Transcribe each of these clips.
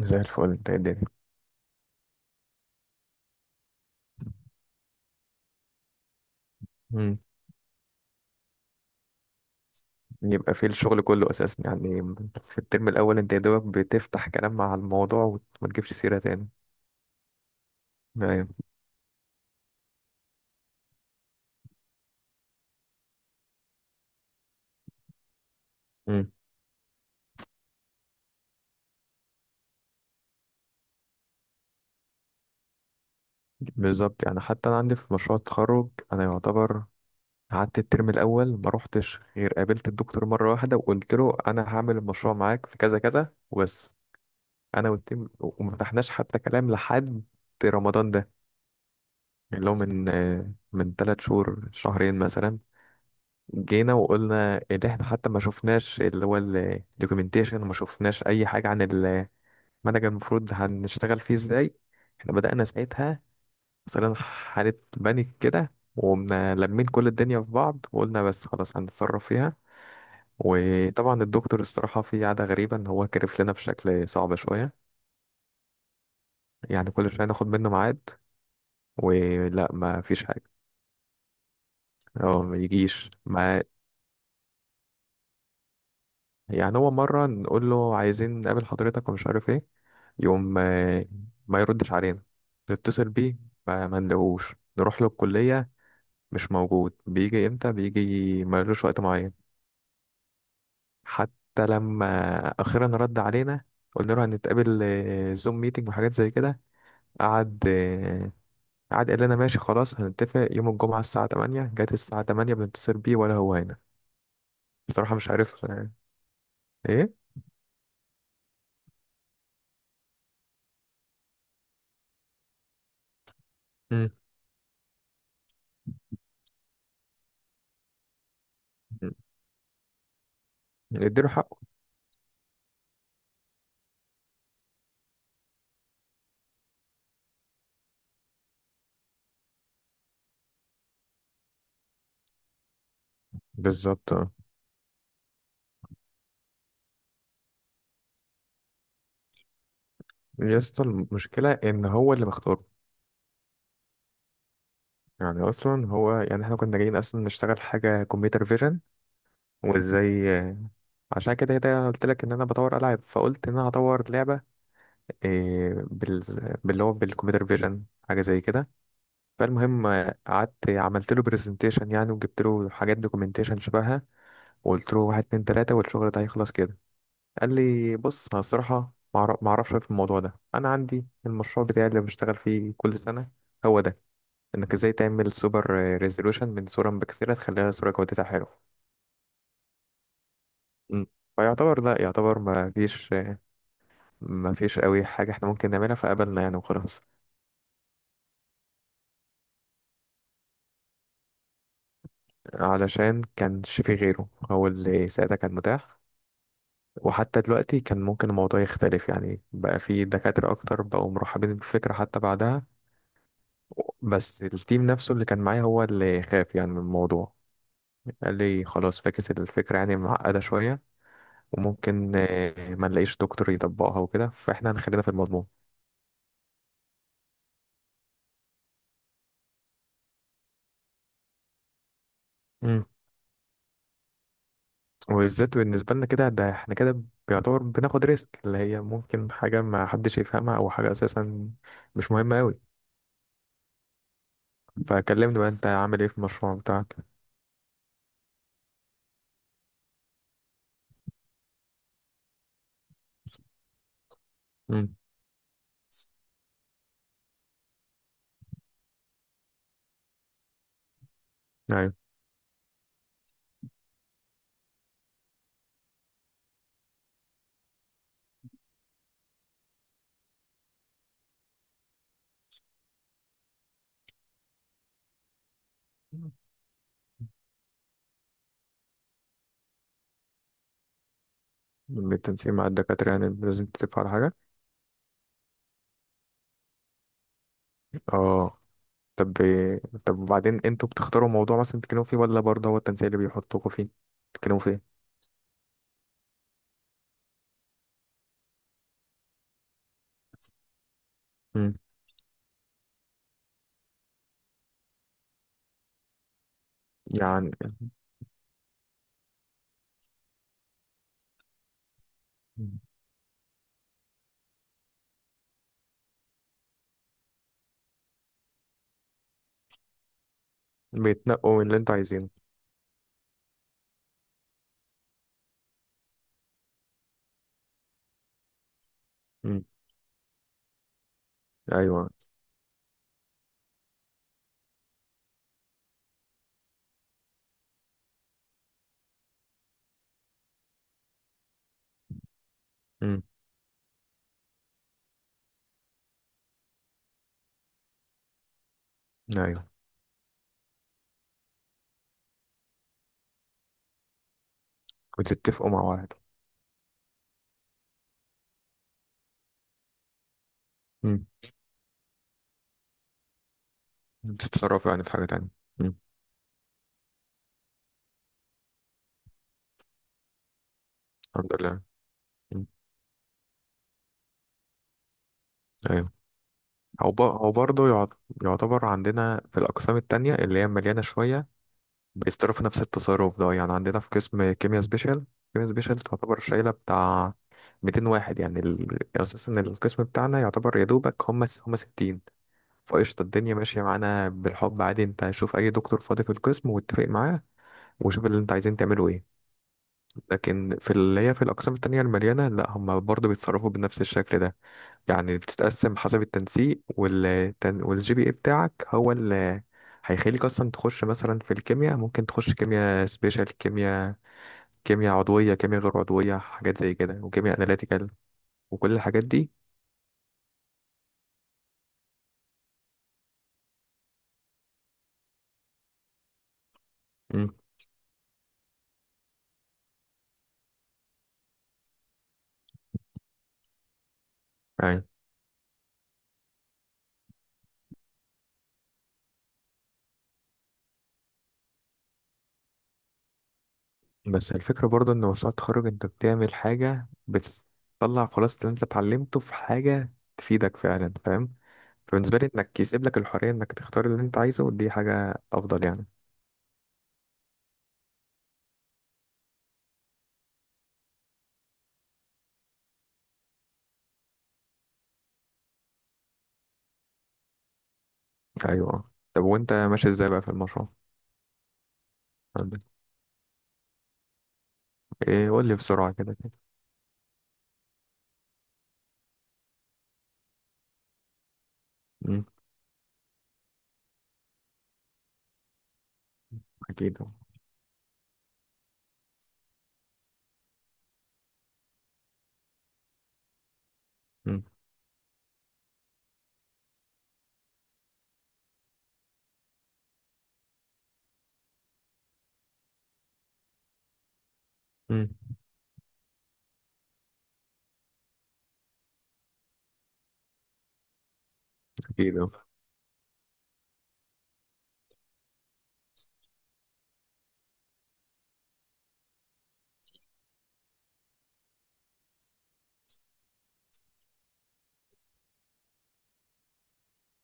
زي الفل، انت يا الدنيا. مم. يبقى في الشغل كله اساسا يعني. في الترم الاول انت يا دوبك بتفتح كلام مع الموضوع وت- وما تجيبش سيره تاني. ايوه. مم. بالظبط، يعني حتى انا عندي في مشروع التخرج، انا يعتبر قعدت الترم الاول ما روحتش غير قابلت الدكتور مره واحده وقلت له انا هعمل المشروع معاك في كذا كذا وبس. انا والتيم وما فتحناش حتى كلام لحد رمضان ده. يعني اللي هو من من ثلاث شهور، شهرين مثلا، جينا وقلنا اللي احنا حتى ما شفناش اللي هو الدوكيومنتيشن وما شفناش اي حاجة عن المنهج المفروض هنشتغل فيه ازاي. احنا بدأنا ساعتها مثلا حالة بانيك كده وقمنا لمين كل الدنيا في بعض وقلنا بس خلاص هنتصرف فيها. وطبعا الدكتور الصراحة في عادة غريبة ان هو كرف لنا بشكل صعب شوية. يعني كل شوية ناخد منه ميعاد ولا ما فيش حاجة. هو ما يجيش ما. يعني هو مرة نقول له عايزين نقابل حضرتك ومش عارف ايه، يقوم ما يردش علينا. نتصل بيه ما نلاقوش، نروح له الكلية مش موجود، بيجي امتى بيجي، ملوش وقت معين. حتى لما أخيرا رد علينا، قلنا له هنتقابل زوم ميتنج وحاجات زي كده. قعد آه، قعد قال لنا ماشي خلاص، هنتفق يوم الجمعة الساعة 8. جت الساعة 8 بنتصل بيه ولا هو هنا. بصراحة مش عارف ايه. مم. مم. نديله حقه. بالظبط. يا اسطى، المشكلة إن هو اللي مختاره. يعني أصلا هو يعني إحنا كنا جايين أصلا نشتغل حاجة كمبيوتر فيجن، وإزاي، عشان كده كده قلت لك إن أنا بطور ألعاب، فقلت إن أنا هطور لعبة، إيه، بال... باللي هو بالكمبيوتر فيجن حاجة زي كده. فالمهم قعدت عملت له برزنتيشن يعني، وجبت له حاجات دوكيومنتيشن شبهها، وقلت له واحد اتنين تلاتة والشغل ده هيخلص كده. قال لي بص، أنا الصراحة معرفش في الموضوع ده، أنا عندي المشروع بتاعي اللي بشتغل فيه كل سنة هو ده، انك ازاي تعمل سوبر ريزولوشن من صورة مبكسلة تخليها صورة جودتها حلو. مم. فيعتبر لا يعتبر ما فيش قوي حاجة احنا ممكن نعملها، فقبلنا يعني وخلاص. علشان كانش في غيره، هو اللي ساعتها كان متاح. وحتى دلوقتي كان ممكن الموضوع يختلف يعني، بقى في دكاترة أكتر بقوا مرحبين بالفكرة حتى بعدها. بس التيم نفسه اللي كان معايا هو اللي خاف يعني من الموضوع. قال لي خلاص فاكس الفكرة، يعني معقدة شوية وممكن ما نلاقيش دكتور يطبقها وكده، فاحنا هنخلينا في المضمون. امم. وبالذات بالنسبة لنا كده، ده احنا كده بيعتبر بناخد ريسك، اللي هي ممكن حاجة ما حدش يفهمها أو حاجة أساسا مش مهمة أوي. فكلمني بقى، أنت عامل إيه في المشروع بتاعك؟ امم. أيوة. بالتنسيق مع الدكاترة يعني، لازم تتفق على حاجة. اه. طب وبعدين انتوا بتختاروا موضوع مثلا تتكلموا فيه، ولا برضه هو التنسيق اللي بيحطوكوا فيه تتكلموا فيه؟ امم. يعني بيتنقوا من اللي انتوا عايزينه. مم. ايوه. مم. ايوه. بتتفقوا مع بعض. مم. بتتصرفوا يعني في حاجه تانية. مم. الحمد لله. مم. ايوه. او برضه يعتبر عندنا في الاقسام التانية اللي هي مليانه شويه بيتصرفوا نفس التصرف ده. يعني عندنا في قسم كيمياء سبيشال، كيمياء سبيشال تعتبر شايله بتاع 200 واحد. يعني ال... اساسا القسم بتاعنا يعتبر يا دوبك هم 60. فقشطة، الدنيا ماشية معانا بالحب عادي. انت شوف اي دكتور فاضي في القسم واتفق معاه، وشوف اللي انت عايزين تعمله ايه. لكن في اللي هي في الأقسام التانية المليانة لا، هم برضه بيتصرفوا بنفس الشكل ده. يعني بتتقسم حسب التنسيق والجي بي اي بتاعك هو اللي هيخليك أصلا تخش. مثلا في الكيمياء ممكن تخش كيمياء سبيشال، كيمياء، كيمياء عضوية، كيمياء غير عضوية، حاجات زي كده، وكيمياء أناليتيكال وكل الحاجات دي. امم. أيوة. بس الفكرة برضه إن مشروع التخرج أنت بتعمل حاجة بتطلع خلاص اللي أنت اتعلمته في حاجة تفيدك فعلا، فاهم؟ فبالنسبة لي انك يسيب لك الحرية انك تختار اللي انت عايزه، ودي حاجة افضل يعني. ايوه اه. طب وانت ماشي ازاي بقى في المشروع؟ عندك ايه؟ قول لي بسرعة كده كده. امم. اكيد اه. امم. امم. اكيد اه.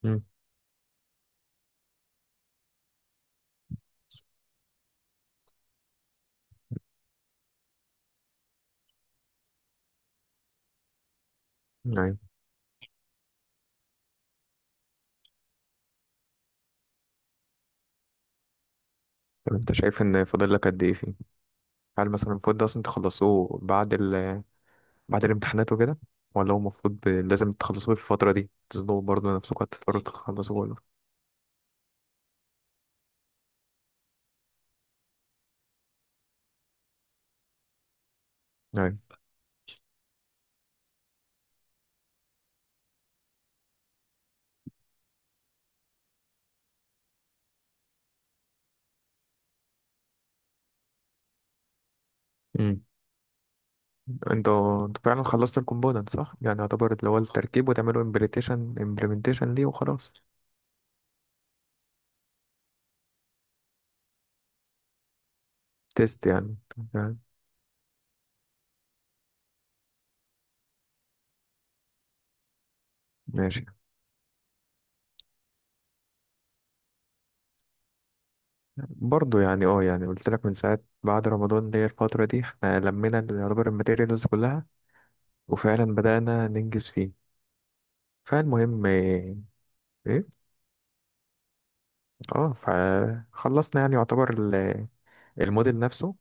امم. ايوه. طب انت شايف ان فاضل لك قد ايه فيه؟ هل مثلا المفروض ده اصلا تخلصوه بعد بعد الامتحانات وكده، ولا هو المفروض لازم تخلصوه في الفترة دي؟ تظنوا برضه نفسكم هتضطروا تخلصوه ولا؟ ايوه. انتوا فعلا خلصتوا الكومبوننت صح؟ يعني يعتبر اللي هو التركيب، وتعملوا امبليتيشن امبلمنتيشن ليه وخلاص. تيست يعني. تمام. ماشي. برضو يعني اه، يعني قلت لك من ساعة بعد رمضان اللي هي الفترة دي احنا لمينا اللي يعتبر الماتيريالز كلها وفعلا بدأنا ننجز فيه. فالمهم ايه؟ إيه؟ اه، فخلصنا يعني يعتبر الموديل نفسه،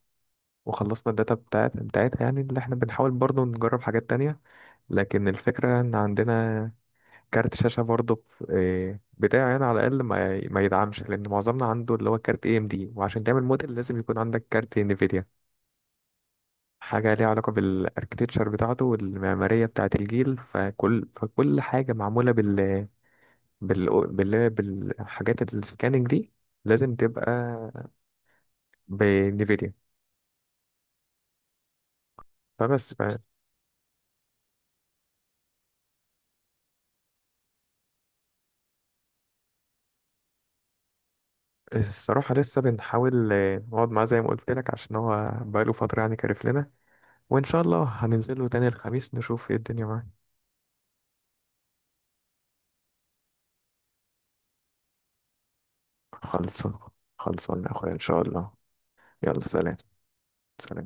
وخلصنا الداتا بتاعتها يعني، اللي احنا بنحاول برضو نجرب حاجات تانية. لكن الفكرة ان عندنا كارت شاشة برضه، ب- إيه، بتاعي أنا على الأقل ما يدعمش، لأن معظمنا عنده اللي هو كارت اي ام دي، وعشان تعمل موديل لازم يكون عندك كارت انفيديا. حاجة ليها علاقة بالاركتكتشر بتاعته والمعمارية بتاعة الجيل، فكل حاجة معمولة بالحاجات السكاننج دي لازم تبقى بانفيديا. فبس. الصراحة لسه بنحاول نقعد معاه زي ما قلت لك عشان هو بقاله فترة يعني كارف لنا. وإن شاء الله هننزله تاني الخميس نشوف ايه الدنيا معاه. خلصان، خلصان يا أخويا إن شاء الله. يلا سلام. سلام.